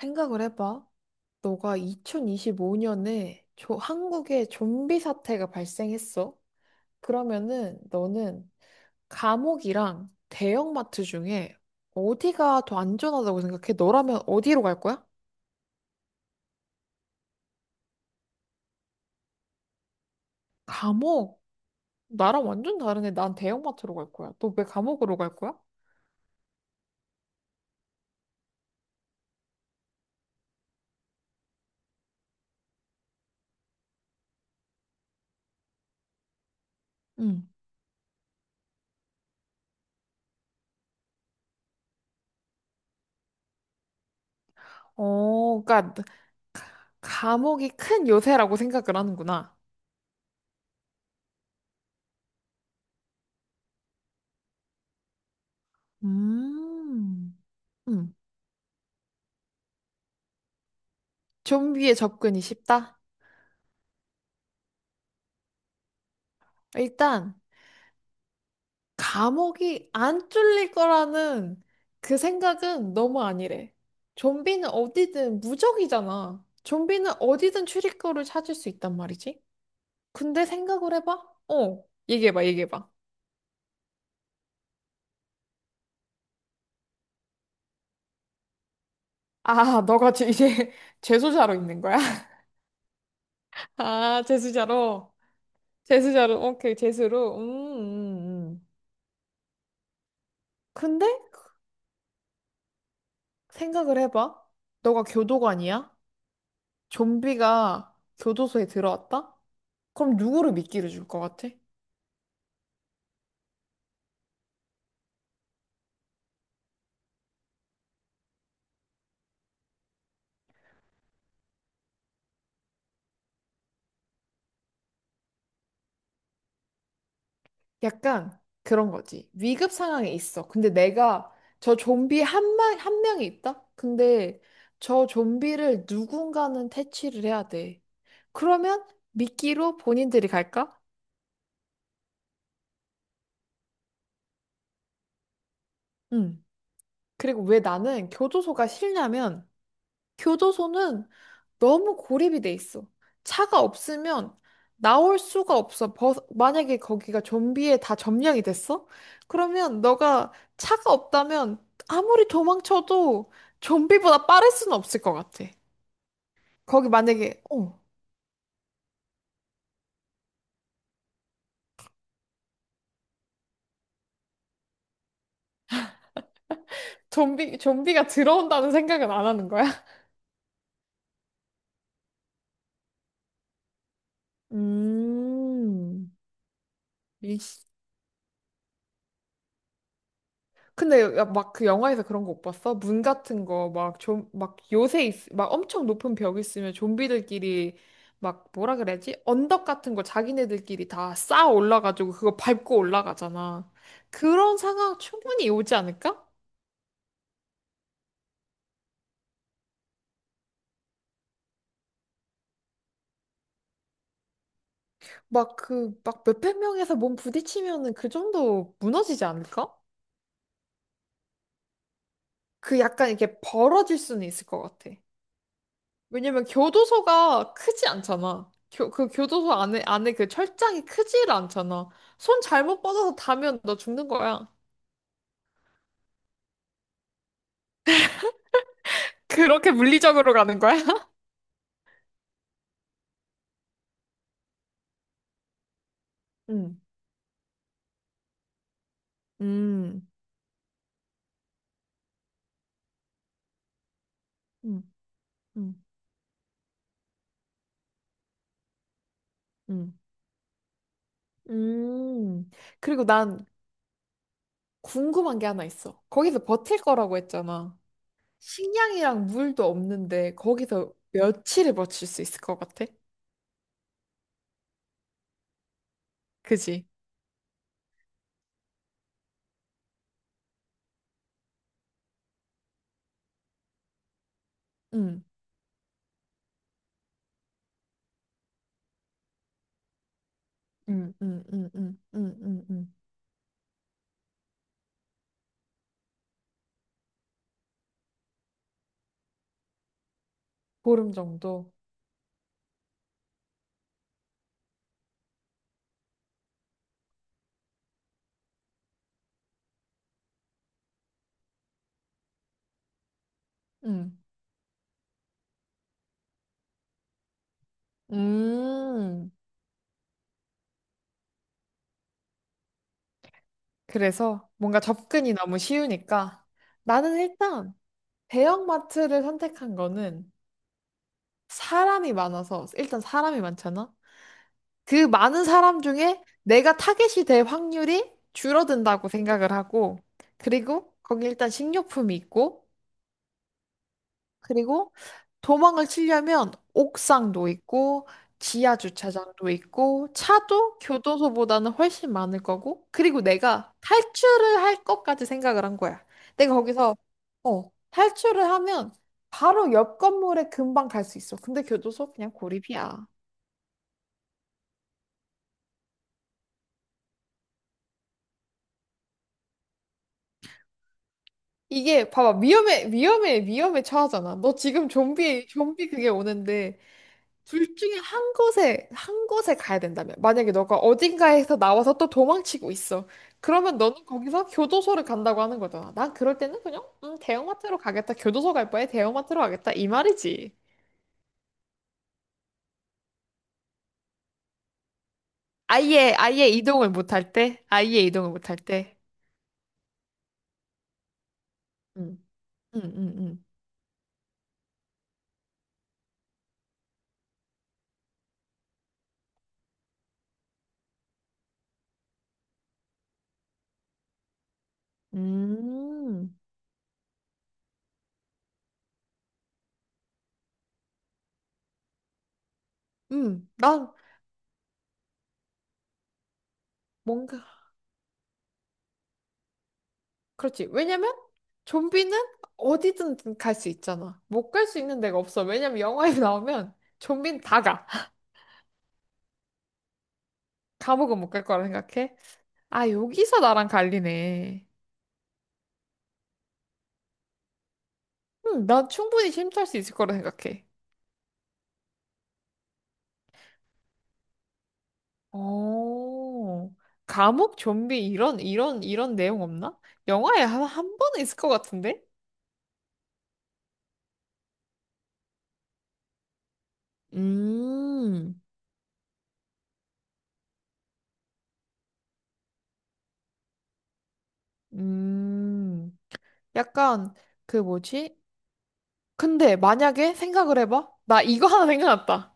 생각을 해봐. 너가 2025년에 한국에 좀비 사태가 발생했어. 그러면은 너는 감옥이랑 대형마트 중에 어디가 더 안전하다고 생각해? 너라면 어디로 갈 거야? 감옥. 나랑 완전 다르네. 난 대형마트로 갈 거야. 너 왜 감옥으로 갈 거야? 응. 어, 그러니까 감옥이 큰 요새라고 생각을 하는구나. 음. 음, 좀비에 접근이 쉽다. 일단 감옥이 안 뚫릴 거라는 그 생각은 너무 아니래. 좀비는 어디든 무적이잖아. 좀비는 어디든 출입구를 찾을 수 있단 말이지. 근데 생각을 해봐. 어, 얘기해봐, 얘기해봐. 아, 너가 이제 재수자로 있는 거야? 아, 재수자로. 재수자로, 오케이, 재수로. 음, 음. 근데 생각을 해봐. 너가 교도관이야? 좀비가 교도소에 들어왔다? 그럼 누구를 미끼를 줄 것 같아? 약간 그런 거지. 위급 상황에 있어. 근데 내가 저 좀비 한 명, 한 명이 있다? 근데 저 좀비를 누군가는 퇴치를 해야 돼. 그러면 미끼로 본인들이 갈까? 응. 그리고 왜 나는 교도소가 싫냐면 교도소는 너무 고립이 돼 있어. 차가 없으면 나올 수가 없어. 만약에 거기가 좀비에 다 점령이 됐어? 그러면 너가 차가 없다면 아무리 도망쳐도 좀비보다 빠를 수는 없을 것 같아. 거기 만약에 어, 좀비가 들어온다는 생각은 안 하는 거야? 음, 근데 막 그 영화에서 그런 거 못 봤어? 문 같은 거 막 좀 막 요새 막 엄청 높은 벽 있으면 좀비들끼리 막 뭐라 그래야지? 언덕 같은 거 자기네들끼리 다 쌓아 올라가지고 그거 밟고 올라가잖아. 그런 상황 충분히 오지 않을까? 막 그 막 몇백 명에서 몸 부딪히면은 그 정도 무너지지 않을까? 그 약간 이렇게 벌어질 수는 있을 것 같아. 왜냐면 교도소가 크지 않잖아. 그 교도소 안에, 안에 그 철장이 크지를 않잖아. 손 잘못 뻗어서 닿으면 너 죽는 거야. 그렇게 물리적으로 가는 거야? 음, 음, 음, 음, 음. 음. 그리고 난 궁금한 게 하나 있어. 거기서 버틸 거라고 했잖아. 식량이랑 물도 없는데 거기서 며칠을 버틸 수 있을 것 같아? 그지? 응, 응, 응, 응, 응, 응, 응, 응. 보름 정도. 응. 음, 그래서 뭔가 접근이 너무 쉬우니까 나는 일단 대형마트를 선택한 거는 사람이 많아서 일단 사람이 많잖아. 그 많은 사람 중에 내가 타겟이 될 확률이 줄어든다고 생각을 하고 그리고 거기 일단 식료품이 있고 그리고 도망을 치려면 옥상도 있고 지하 주차장도 있고 차도 교도소보다는 훨씬 많을 거고 그리고 내가 탈출을 할 것까지 생각을 한 거야. 내가 거기서 어, 탈출을 하면 바로 옆 건물에 금방 갈 수 있어. 근데 교도소 그냥 고립이야. 이게 봐봐 위험에 처하잖아. 너 지금 좀비 그게 오는데 둘 중에 한 곳에 가야 된다면. 만약에 너가 어딘가에서 나와서 또 도망치고 있어. 그러면 너는 거기서 교도소를 간다고 하는 거잖아. 난 그럴 때는 그냥, 대형마트로 가겠다. 교도소 갈 바에 대형마트로 가겠다. 이 말이지. 아예 이동을 못할 때? 아예 이동을 못할 때? 음, 음, 음, 음. 음, 난 뭔가, 그렇지. 왜냐면, 좀비는 어디든 갈 수 있잖아. 못 갈 수 있는 데가 없어. 왜냐면 영화에 나오면 좀비는 다 가. 감옥은 못 갈 거라 생각해? 아, 여기서 나랑 갈리네. 응, 난 충분히 침투할 수 있을 거라 생각해. 어, 감옥 좀비 이런 내용 없나? 영화에 한 번은 있을 것 같은데? 음, 음, 약간 그 뭐지? 근데 만약에 생각을 해봐. 나 이거 하나 생각났다.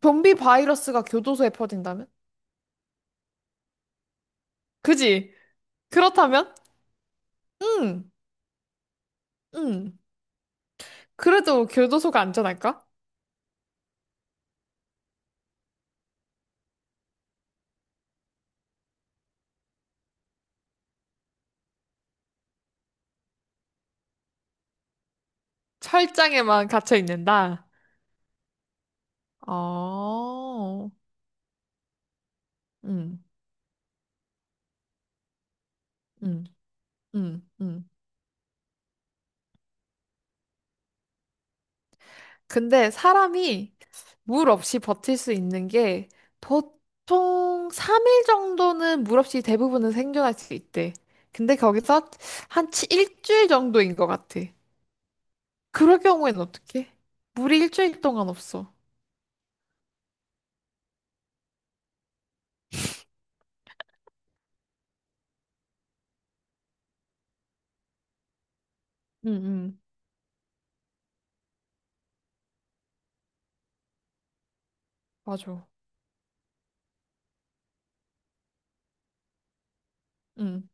좀비 바이러스가 교도소에 퍼진다면? 그지? 그렇다면? 응, 응. 그래도 교도소가 안전할까? 철장에만 갇혀 있는다. 어, 음, 음, 음, 음. 근데 사람이 물 없이 버틸 수 있는 게 보통 3일 정도는 물 없이 대부분은 생존할 수 있대. 근데 거기서 한 일주일 정도인 것 같아. 그럴 경우에는 어떡해? 물이 일주일 동안 없어. 응, 응, 맞아. 응,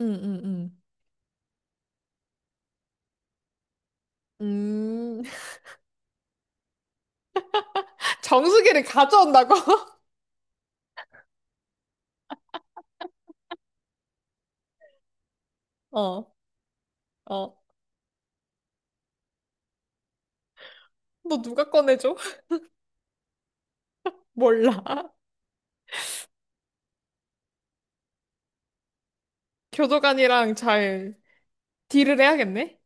응, 응, 응. 음, 정수기를 가져온다고? 어, 어. 너 누가 꺼내줘? 몰라. 교도관이랑 잘 딜을 해야겠네?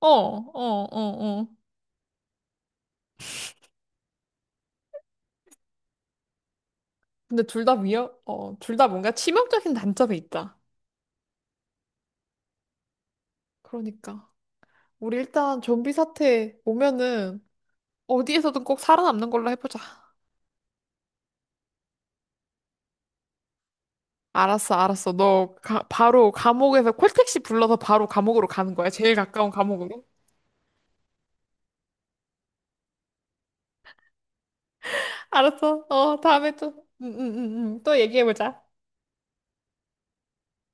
어, 어, 어, 어. 근데 둘 다 위협, 어, 둘 다 뭔가 치명적인 단점이 있다. 그러니까. 우리 일단 좀비 사태 오면은 어디에서든 꼭 살아남는 걸로 해보자. 알았어, 알았어. 너 가, 바로 감옥에서 콜택시 불러서 바로 감옥으로 가는 거야. 제일 가까운 감옥으로. 알았어. 어, 다음에 또, 응, 응, 응, 응. 또 얘기해보자.